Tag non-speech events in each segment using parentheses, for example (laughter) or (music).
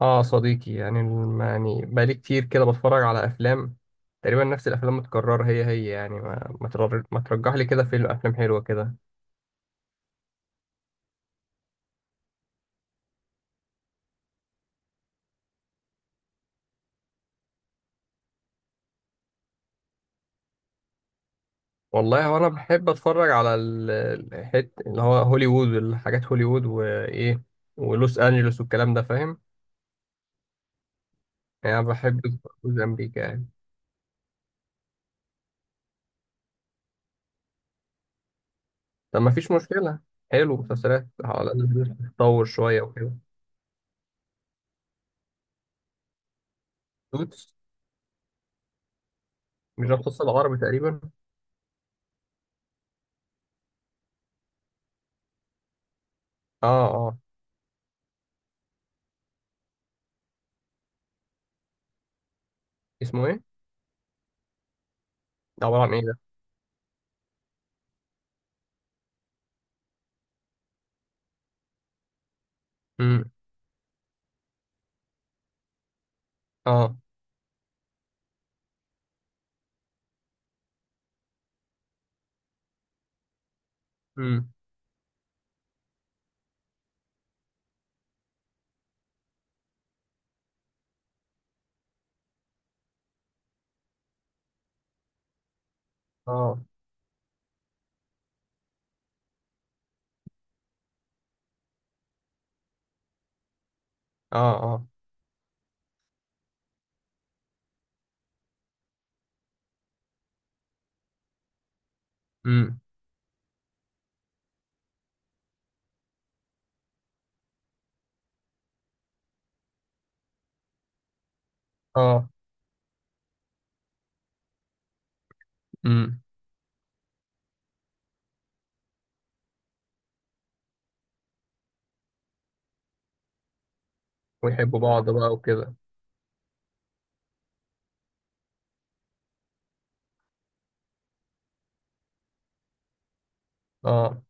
اه، صديقي يعني يعني بقالي كتير كده بتفرج على افلام. تقريبا نفس الافلام متكرره هي هي، يعني ما ترجح لي كده فيلم، افلام حلوه كده. والله، هو انا بحب اتفرج على الحت اللي هو هوليوود، الحاجات هوليوود وايه، ولوس انجلوس والكلام ده، فاهم؟ يعني أنا بحب جزء امريكا يعني. طب ما فيش مشكله. حلو، مسلسلات على الأقل تتطور شويه وكده. سوتس. مش ده القصه العربي تقريبا؟ اه اه. اسمه ايه؟ ده عباره عن ايه ده؟ امم. اه. امم. اه اه اه. امم. اه. امم. ويحبوا بعض بقى وكده. اه،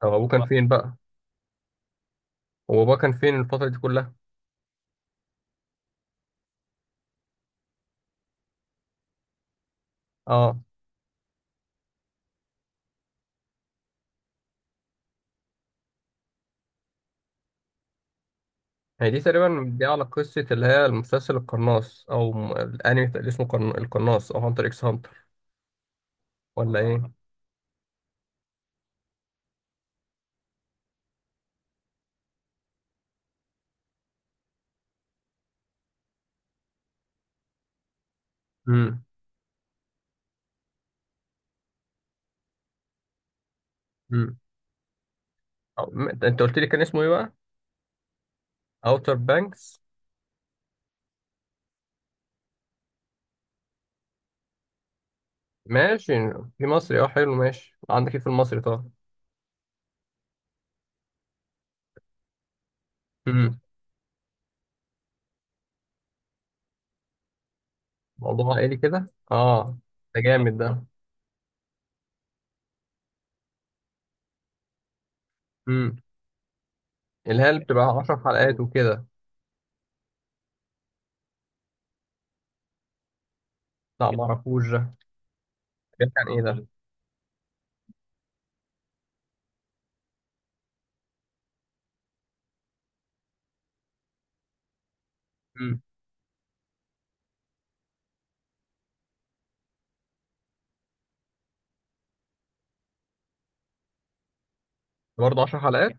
طب ابوه كان فين بقى؟ هو باباه كان فين الفترة دي كلها؟ اه، هي دي تقريبا دي على قصة اللي هي المسلسل القناص، او الانمي اللي اسمه القناص، او هانتر اكس هانتر. ولا ايه؟ امم امم. انت قلت لي كان اسمه ايه بقى؟ اوتر بانكس. ماشي. في مصري، اه حلو. ماشي، عندك ايه في المصري طبعا. امم. موضوع عائلي كده. اه. ده جامد ده. امم. اللي هي اللي بتبقى 10 حلقات وكده. لا معرفوش. بيحكي عن ايه ده؟ امم. برضه 10 حلقات؟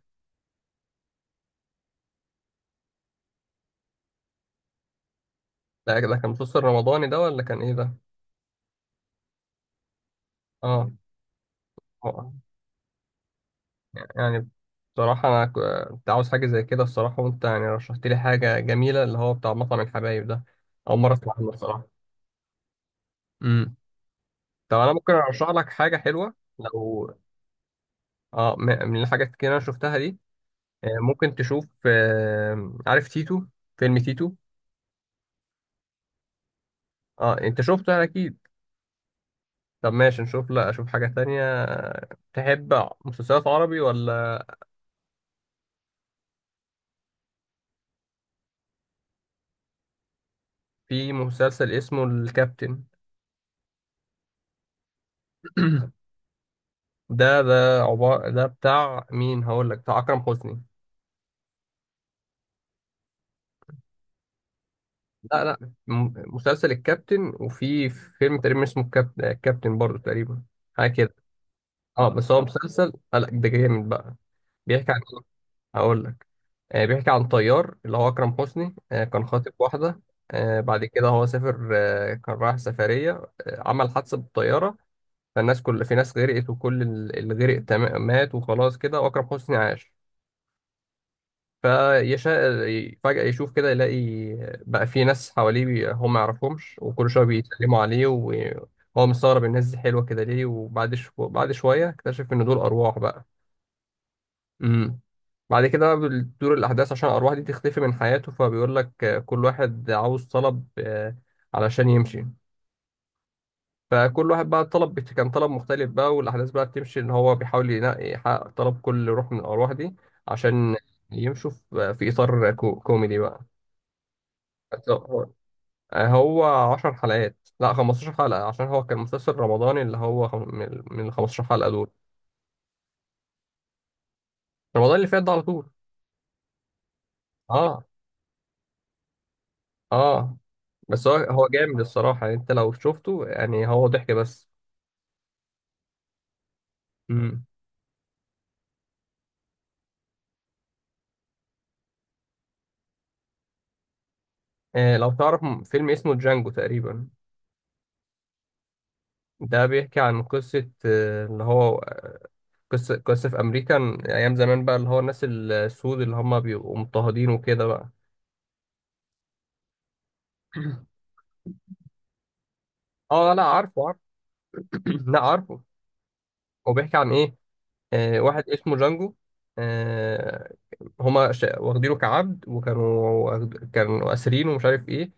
لا، ده كان مسلسل رمضاني ده، ولا كان ايه ده؟ اه. هو- يعني بصراحة أنا كنت عاوز حاجة زي كده الصراحة، وأنت يعني رشحت لي حاجة جميلة، اللي هو بتاع مطعم الحبايب ده. أول مرة أسمع عنه الصراحة. امم. طب أنا ممكن أرشح لك حاجة حلوة لو. اه، من الحاجات كده أنا شفتها دي. ممكن تشوف، عارف تيتو؟ فيلم تيتو. اه، أنت شفته أكيد. طب ماشي، نشوف، لا أشوف حاجة تانية، تحب مسلسلات عربي ولا؟ في مسلسل اسمه الكابتن. (clears throat) ده عبارة ده بتاع مين، هقول لك، بتاع أكرم حسني. لا لا، مسلسل الكابتن، وفي فيلم تقريبا اسمه الكابتن، الكابتن برضه تقريبا. حاجة كده. اه، بس هو مسلسل، لا ده جامد بقى. بيحكي عن إيه؟ هقول لك. بيحكي عن طيار اللي هو أكرم حسني، كان خاطب واحدة. بعد كده هو سافر، كان رايح سفرية. عمل حادثة بالطيارة. فالناس، كل في ناس غرقت، وكل اللي غرق تمام مات وخلاص كده، وأكرم حسني عاش. فيشاء فجأة يشوف كده، يلاقي بقى في ناس حواليه هم ما يعرفهمش، وكل شوية بيتكلموا عليه وهو مستغرب الناس دي حلوة كده ليه، وبعد بعد شوية اكتشف إن دول أرواح بقى. امم. بعد كده بقى بتدور الأحداث عشان الأرواح دي تختفي من حياته، فبيقول لك، كل واحد عاوز طلب، علشان يمشي. فكل واحد بقى طلب، كان طلب مختلف بقى، والأحداث بقى بتمشي إن هو بيحاول ينقي يحقق طلب كل روح من الأرواح دي، عشان يمشوا في إطار كوميدي بقى. هو هو 10 حلقات، لا 15 حلقة، عشان هو كان مسلسل رمضاني اللي هو من ال 15 حلقة دول. رمضان اللي فات ده على طول. اه اه. بس هو جامد الصراحة يعني، انت لو شفته يعني، هو ضحك بس. امم. لو تعرف فيلم اسمه جانجو تقريبا. ده بيحكي عن قصة، اللي هو قصة قصة في أمريكا أيام زمان بقى، اللي هو الناس السود اللي هم بيبقوا مضطهدين وكده بقى. (coughs) اه لا، عارفه عارفه. (clears throat) لا عارفه. هو بيحكي عن ايه؟ واحد اسمه جانجو، آه، هما واخدينه كعبد وكانوا، كانوا أسرين ومش عارف إيه.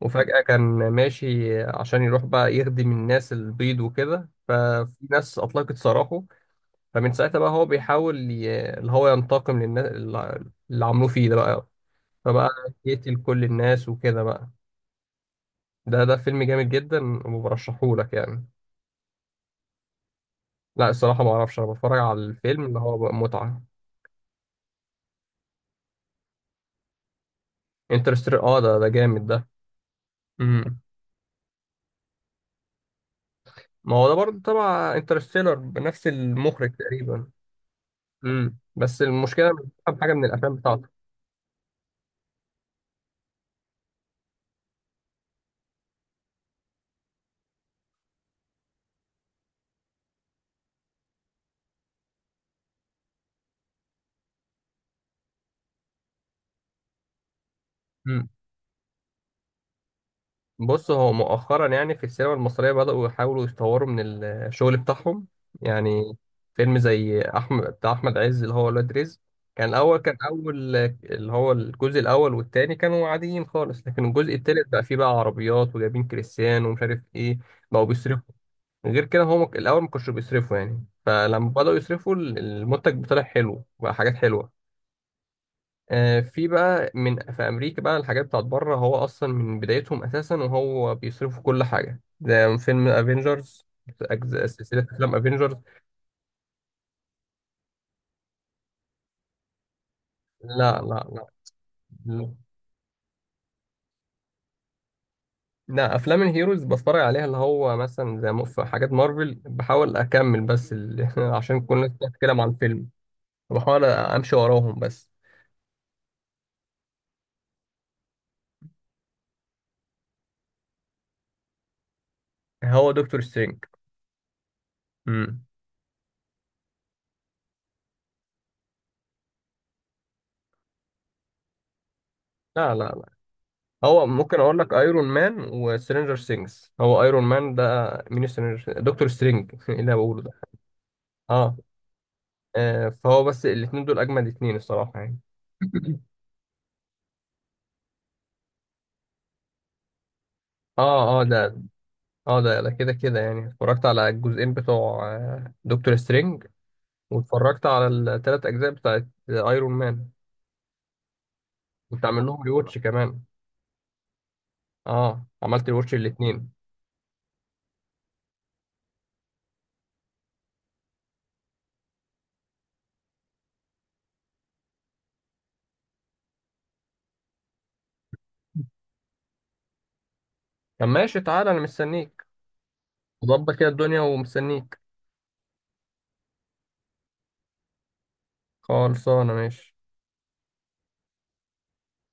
وفجأة كان ماشي عشان يروح بقى يخدم الناس البيض وكده، ففي ناس أطلقت سراحه. فمن ساعتها بقى هو بيحاول اللي هو ينتقم للناس اللي اللي عملوه فيه ده بقى، فبقى يقتل كل الناس وكده بقى. ده فيلم جامد جدا، وبرشحهولك يعني. لا، الصراحة ما أعرفش، أنا بتفرج على الفيلم اللي هو بقى متعة. انترستيلر، اه ده جامد ده. مم. ما هو ده برضه تبع انترستيلر، بنفس المخرج تقريبا، بس المشكله مش بفهم حاجه من الافلام بتاعته. امم. بص، هو مؤخرا يعني في السينما المصريه بداوا يحاولوا يطوروا من الشغل بتاعهم، يعني فيلم زي احمد، بتاع احمد عز، اللي هو ولاد رزق. كان الاول كان اول اللي هو الجزء الاول والتاني كانوا عاديين خالص، لكن الجزء التالت بقى فيه بقى عربيات وجايبين كريستيانو ومش عارف ايه. بقوا بيصرفوا. غير كده، هو الاول ما كانوش بيصرفوا، يعني فلما بدأوا يصرفوا، المنتج طلع حلو بقى، حاجات حلوة. في بقى من، في امريكا بقى الحاجات بتاعت بره، هو اصلا من بدايتهم اساسا وهو بيصرفوا كل حاجة، ده فيلم افنجرز، سلسلة افلام افنجرز. لا لا لا، لا افلام الهيروز بتفرج عليها، اللي هو مثلا زي في حاجات مارفل بحاول اكمل بس (laughs) عشان كل الناس بتتكلم عن الفيلم. بحاول امشي وراهم بس. هو دكتور سترينج. مم. لا لا، هو ممكن اقول لك ايرون مان وسترينجر سينجز، هو ايرون مان ده. مين سترينجر، دكتور سترينج (laughs) ايه اللي أنا بقوله ده. اه. فهو بس الاثنين دول اجمد اثنين الصراحه يعني. (laughs) (clears throat) اه اه ده، اه ده كده كده يعني اتفرجت على الجزئين بتوع دكتور سترينج، واتفرجت على الثلاث اجزاء بتاعت ايرون مان. كنت عامل لهم ريواتش كمان. اه، عملت ريواتش الاثنين. طب ماشي، تعالى انا مستنيك. ظبط كده الدنيا، ومستنيك. خلصانه، ماشي.